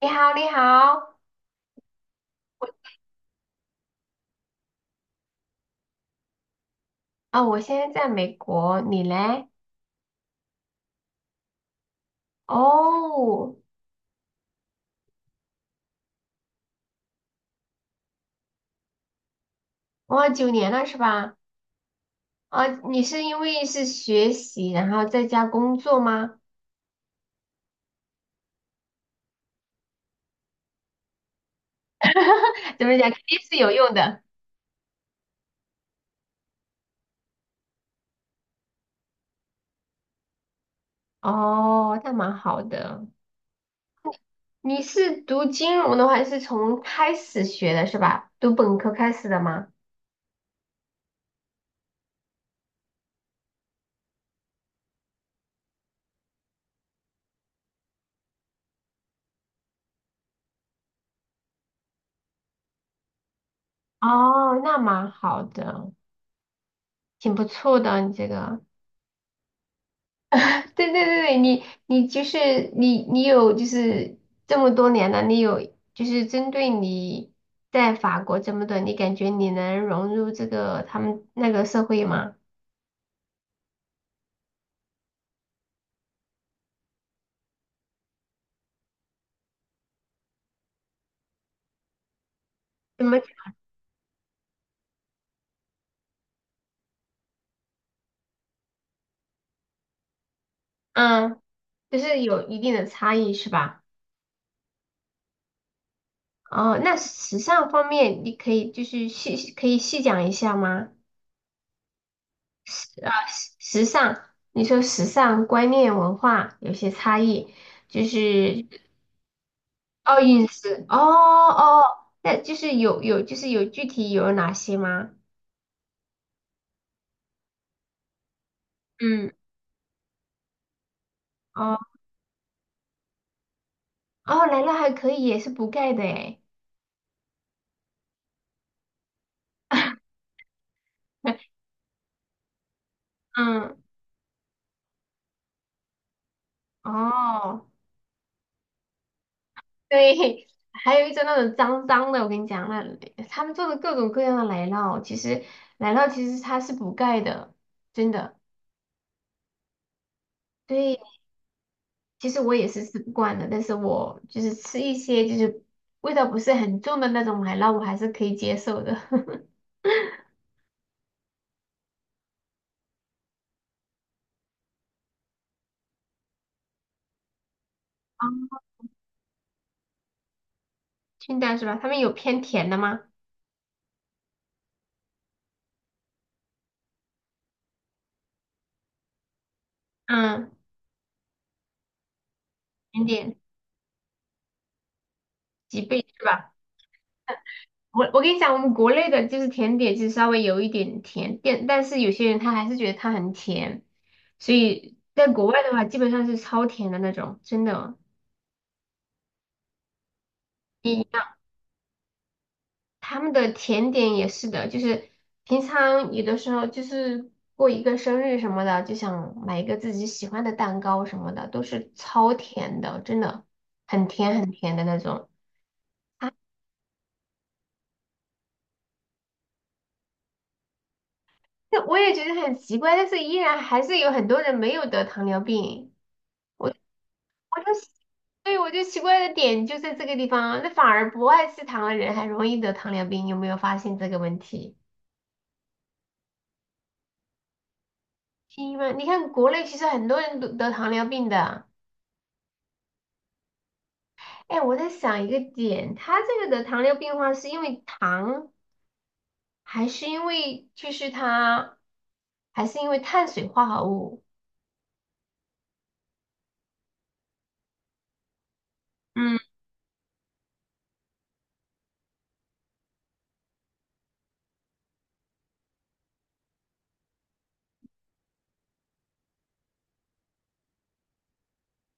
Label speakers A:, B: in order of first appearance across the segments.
A: 你好，你好。我现在在美国，你嘞？哦。哇，九年了是吧？你是因为是学习，然后在家工作吗？怎么讲，肯定是有用的。哦，那蛮好的。你是读金融的话，是从开始学的是吧？读本科开始的吗？哦，那蛮好的，挺不错的，你这个。对对对，你就是你有就是这么多年了，你有就是针对你在法国这么多，你感觉你能融入这个他们那个社会吗？怎么嗯，就是有一定的差异是吧？哦，那时尚方面你可以就是细可以细讲一下吗？时啊时时尚，你说时尚观念文化有些差异，就是。哦，饮食，哦哦，那就是有就是有具体有哪些吗？嗯哦哦，奶酪还可以，也是补钙的诶。嗯，哦 对，还有一种那种脏脏的，我跟你讲，那他们做的各种各样的奶酪，其实奶酪其实它是补钙的，真的。对，其实我也是吃不惯的，但是我就是吃一些就是味道不是很重的那种奶酪，我还是可以接受的。哦清淡是吧？他们有偏甜的吗？嗯，甜点几倍是吧？我跟你讲，我们国内的就是甜点，就是稍微有一点甜，但是有些人他还是觉得它很甜，所以在国外的话，基本上是超甜的那种，真的。一样，他们的甜点也是的，就是平常有的时候就是过一个生日什么的，就想买一个自己喜欢的蛋糕什么的，都是超甜的，真的很甜很甜的那种。那我也觉得很奇怪，但是依然还是有很多人没有得糖尿病。我，所以我就奇怪的点就在这个地方，那反而不爱吃糖的人还容易得糖尿病，有没有发现这个问题？因为你看国内其实很多人都得糖尿病的。哎，我在想一个点，他这个得糖尿病的话，是因为糖，还是因为就是他，还是因为碳水化合物？嗯，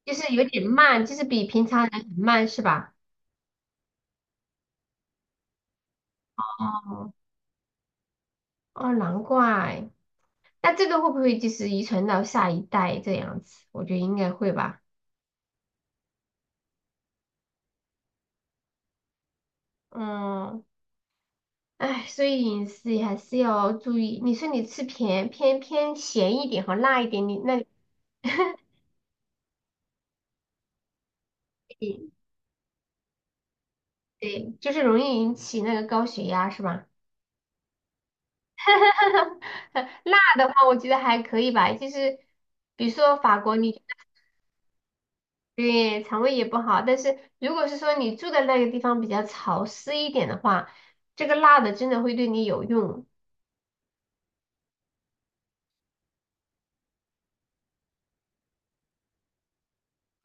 A: 就是有点慢，就是比平常人很慢，是吧？哦。哦，难怪。那这个会不会就是遗传到下一代这样子？我觉得应该会吧。嗯。哎，所以饮食也还是要注意。你说你吃偏咸一点和辣一点，你那你对，就是容易引起那个高血压是吧？辣的话，我觉得还可以吧，就是比如说法国你，对肠胃也不好，但是如果是说你住的那个地方比较潮湿一点的话，这个辣的真的会对你有用。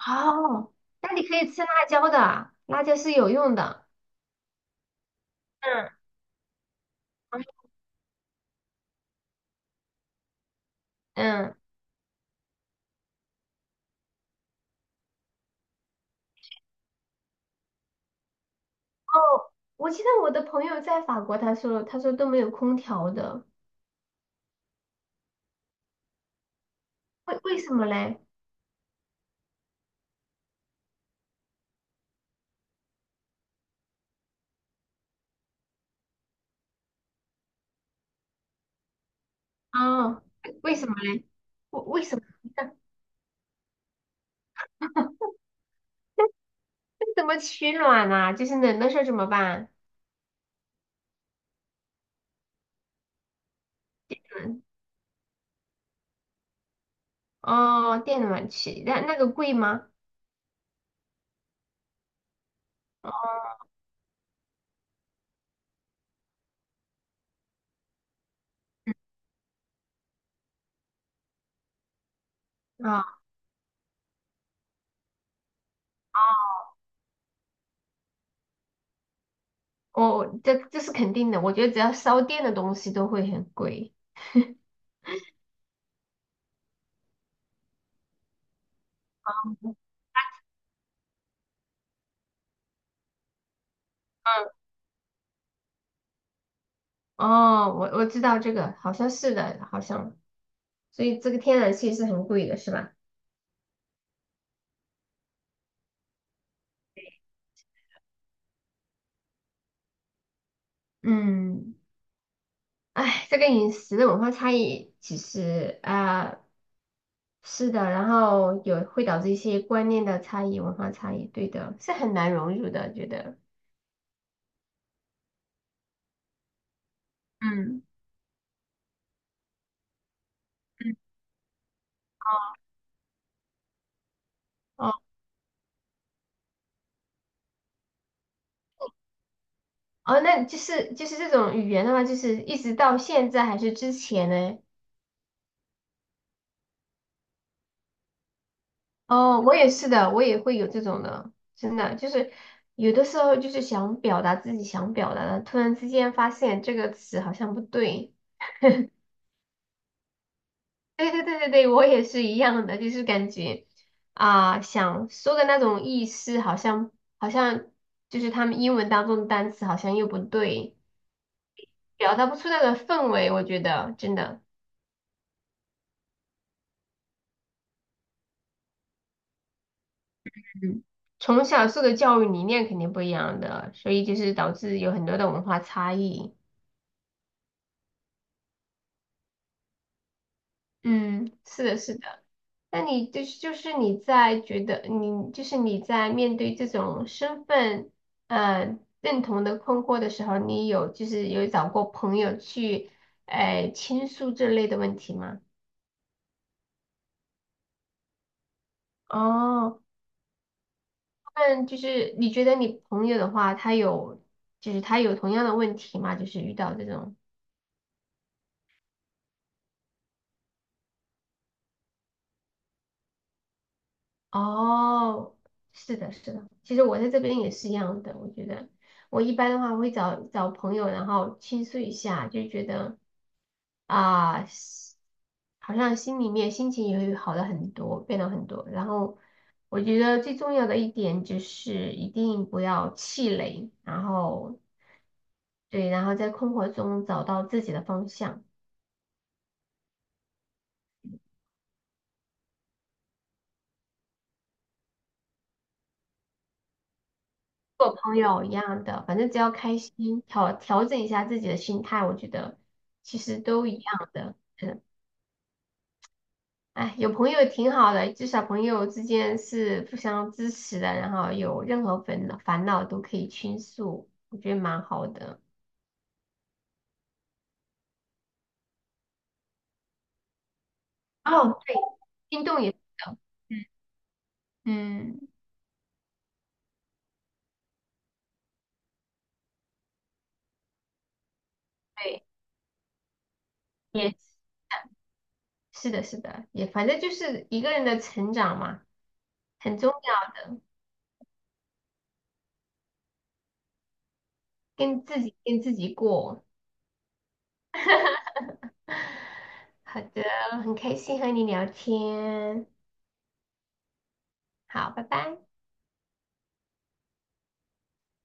A: 哦，那你可以吃辣椒的，辣椒是有用的。嗯。嗯。哦，我记得我的朋友在法国，他说都没有空调的，为什么嘞？哦，为什么嘞？为什么？那怎么取暖呢、就是冷的时候怎么办？嗯。哦，电暖气，那那个贵吗？啊，哦，这这是肯定的，我觉得只要烧电的东西都会很贵。哦，我知道这个，好像是的，好像。所以这个天然气是很贵的，是吧？嗯，哎，这个饮食的文化差异其实啊，是的，然后有会导致一些观念的差异、文化差异，对的，是很难融入的，觉得。嗯嗯，哦哦，那就是这种语言的话，就是一直到现在还是之前呢？哦，我也是的，我也会有这种的，真的就是有的时候就是想表达自己想表达的，突然之间发现这个词好像不对，对对对对对，我也是一样的，就是感觉想说的那种意思，好像就是他们英文当中的单词好像又不对，表达不出那个氛围，我觉得真的。嗯，从小受的教育理念肯定不一样的，所以就是导致有很多的文化差异。嗯，是的，是的。那你就是你在觉得你就是你在面对这种身份认同的困惑的时候，你有就是有找过朋友去倾诉这类的问题吗？哦，那就是你觉得你朋友的话，他有就是他有同样的问题吗？就是遇到这种。哦，是的，是的，其实我在这边也是一样的。我觉得我一般的话会找找朋友，然后倾诉一下，就觉得啊，是好像心里面心情也会好了很多，变了很多。然后我觉得最重要的一点就是一定不要气馁，然后对，然后在困惑中找到自己的方向。做朋友一样的，反正只要开心，调整一下自己的心态，我觉得其实都一样的。哎，有朋友挺好的，至少朋友之间是互相支持的，然后有任何烦恼都可以倾诉，我觉得蛮好的。哦，对，运动也是的。嗯嗯，对，也是的，是的，也反正就是一个人的成长嘛，很重要的，跟自己过。好的，很开心和你聊天，好，拜拜。